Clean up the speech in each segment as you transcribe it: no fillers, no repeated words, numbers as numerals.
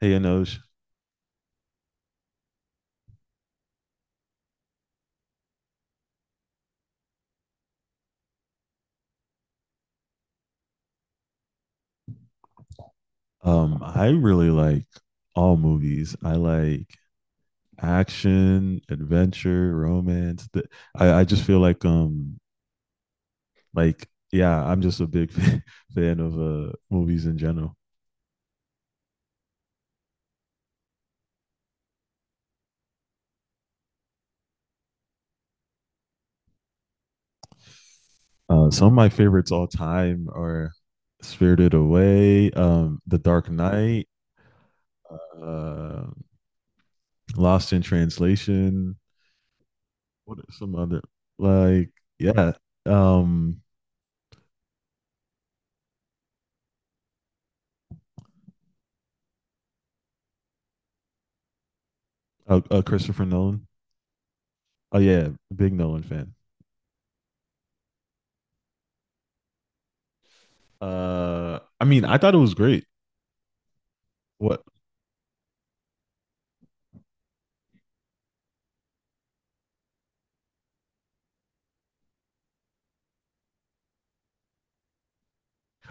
Hey, Anoj. I really like all movies. I like action, adventure, romance. I just feel like like yeah, I'm just a big fan of movies in general. Some of my favorites all time are Spirited Away, The Dark Knight, uh, Lost in Translation. What are some other like yeah, um, Christopher Nolan. Oh yeah, big Nolan fan. I mean, I thought it was great. What?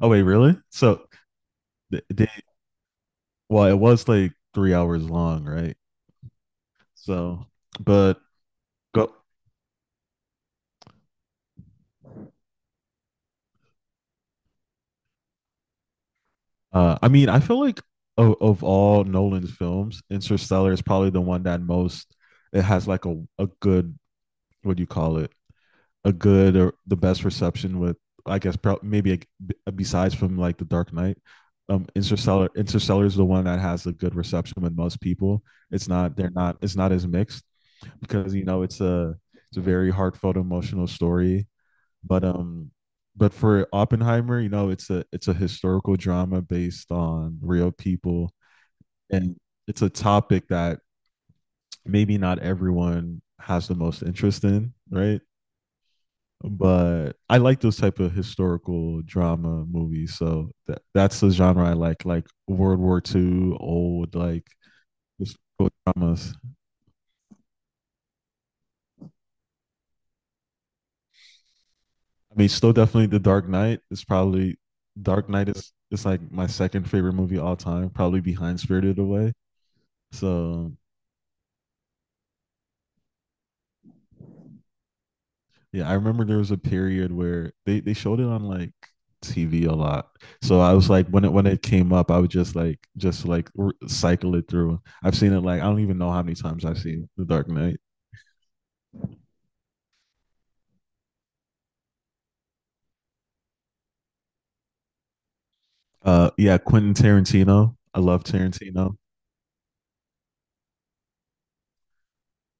Oh wait, really? Th- they, well, it was like 3 hours long, right? So, but go. I mean, I feel like of all Nolan's films, Interstellar is probably the one that most it has like a good what do you call it? A good or the best reception with I guess besides from like The Dark Knight. Interstellar is the one that has a good reception with most people. It's not as mixed, because you know it's a very heartfelt emotional story. But um but for Oppenheimer, you know, it's a historical drama based on real people, and it's a topic that maybe not everyone has the most interest in, right? But I like those type of historical drama movies. So that's the genre I like World War II, old like historical dramas. I mean, still definitely The Dark Knight is probably Dark Knight is like my second favorite movie all time, probably behind Spirited Away. So yeah, I remember there was a period where they showed it on like TV a lot. So I was like, when it came up, I would just like cycle it through. I've seen it like I don't even know how many times I've seen The Dark Knight. Yeah, Quentin Tarantino. I love Tarantino.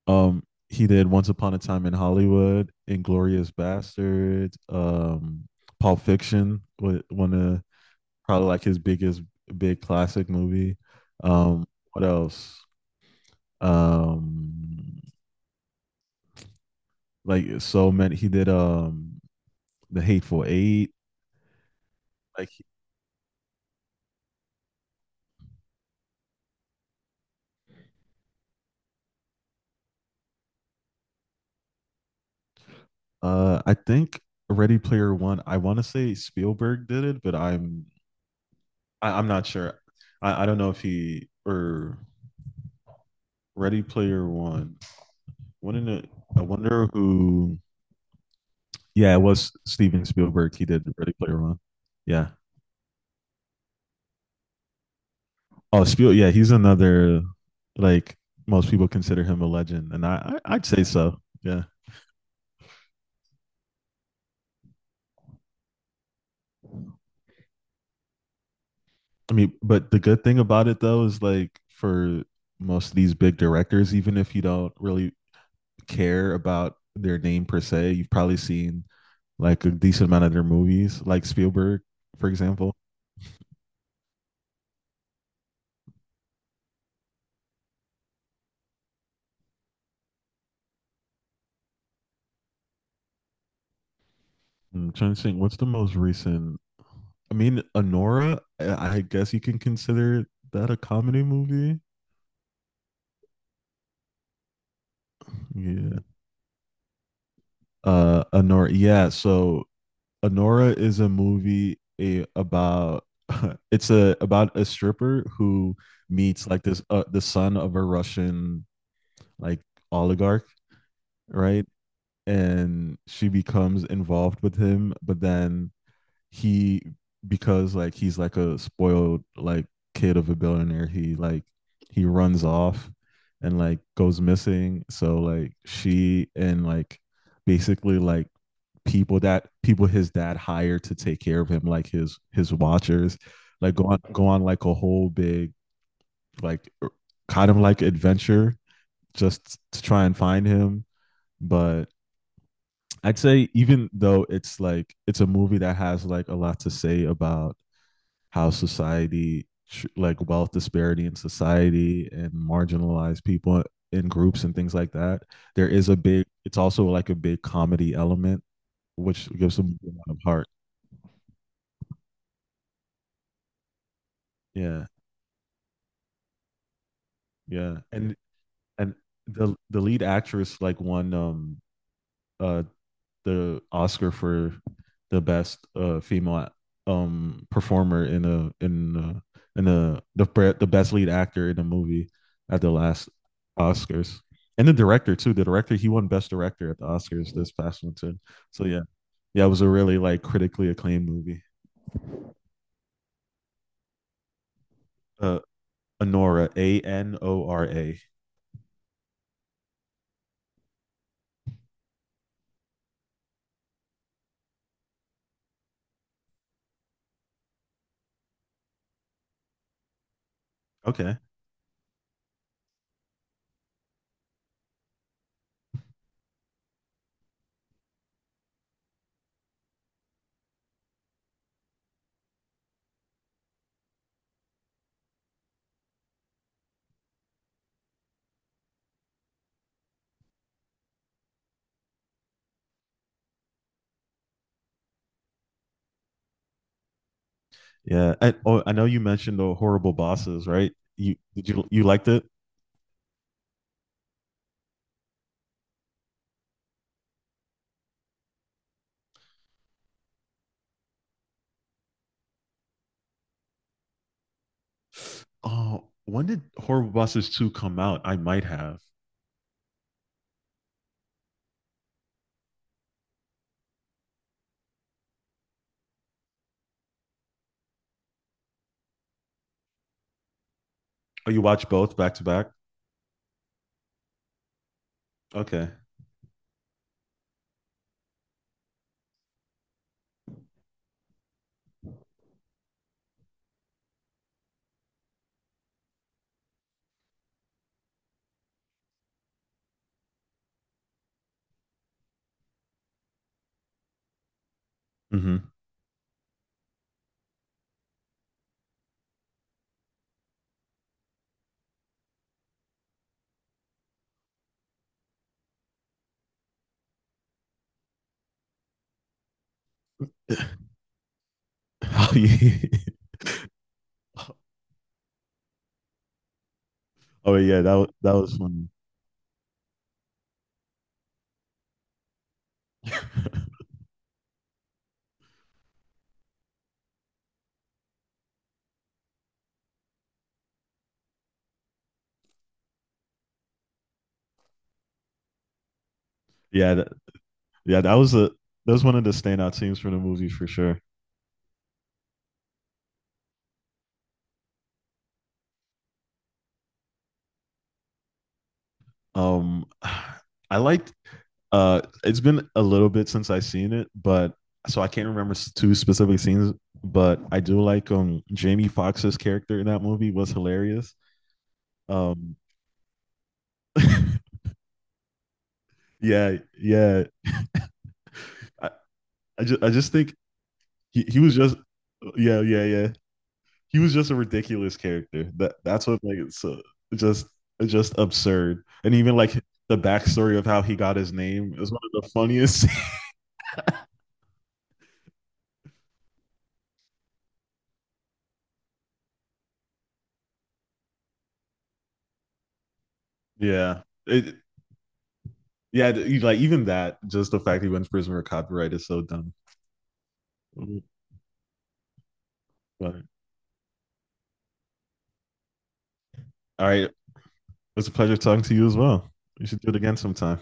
Um, he did Once Upon a Time in Hollywood, Inglorious Bastard, Pulp Fiction, wa- one of probably like his biggest big classic movie. Um, what else? Um, like so many. He did The Hateful Eight. Like I think Ready Player One. I want to say Spielberg did it, but I'm not sure. I don't know if he or Ready Player One. Wouldn't it? I wonder who Yeah, it was Steven Spielberg. He did Ready Player One. Yeah. Oh, Spiel. Yeah, he's another like most people consider him a legend, and I'd say so. Yeah. I mean, but the good thing about it though is like for most of these big directors, even if you don't really care about their name per se, you've probably seen like a decent amount of their movies, like Spielberg, for example. I'm trying to think, what's the most recent I mean, Anora, I guess you can consider that a comedy movie. Yeah. Anora. Yeah. So Anora is about it's a about a stripper who meets like this the son of a Russian like oligarch, right? And she becomes involved with him, but then he because like he's like a spoiled like kid of a billionaire, he runs off and like goes missing. So like she and like basically like people that people his dad hired to take care of him, like his watchers, like go on like a whole big like er, kind of like adventure just to try and find him. But I'd say even though it's a movie that has like a lot to say about how society like wealth disparity in society and marginalized people in groups and things like that. There is a big, it's also like a big comedy element, which gives them a lot of heart. Yeah, yeah. And the lead actress like won uh the Oscar for the best female performer in a in a, in a the best lead actor in a movie at the last Oscars. And the director too. The director, he won best director at the Oscars this past one too. So yeah, yeah, it was a really like critically acclaimed movie. Uh, Anora, A N O R A. Okay, yeah. Oh, I know you mentioned the Horrible Bosses, right? You you liked it? Oh, when did Horrible Bosses 2 come out? I might have. Oh, you watch both back to back? Okay. Hmm. Oh yeah. Oh yeah, that was funny. Yeah, that, yeah, that was one of the standout scenes from the movie for sure. Um, I liked. It's been a little bit since I seen it, but so I can't remember two specific scenes. But I do like Jamie Foxx's character in that movie was hilarious. Um, yeah, yeah. I, I just think he was just yeah yeah yeah he was just a ridiculous character. That's what like it's just just absurd. And even like the backstory of how he got his name is one of the funniest. yeah, it, yeah, like even that, just the fact he went to prison for copyright is so dumb. But All right, it's a pleasure talking to you as well. We should do it again sometime.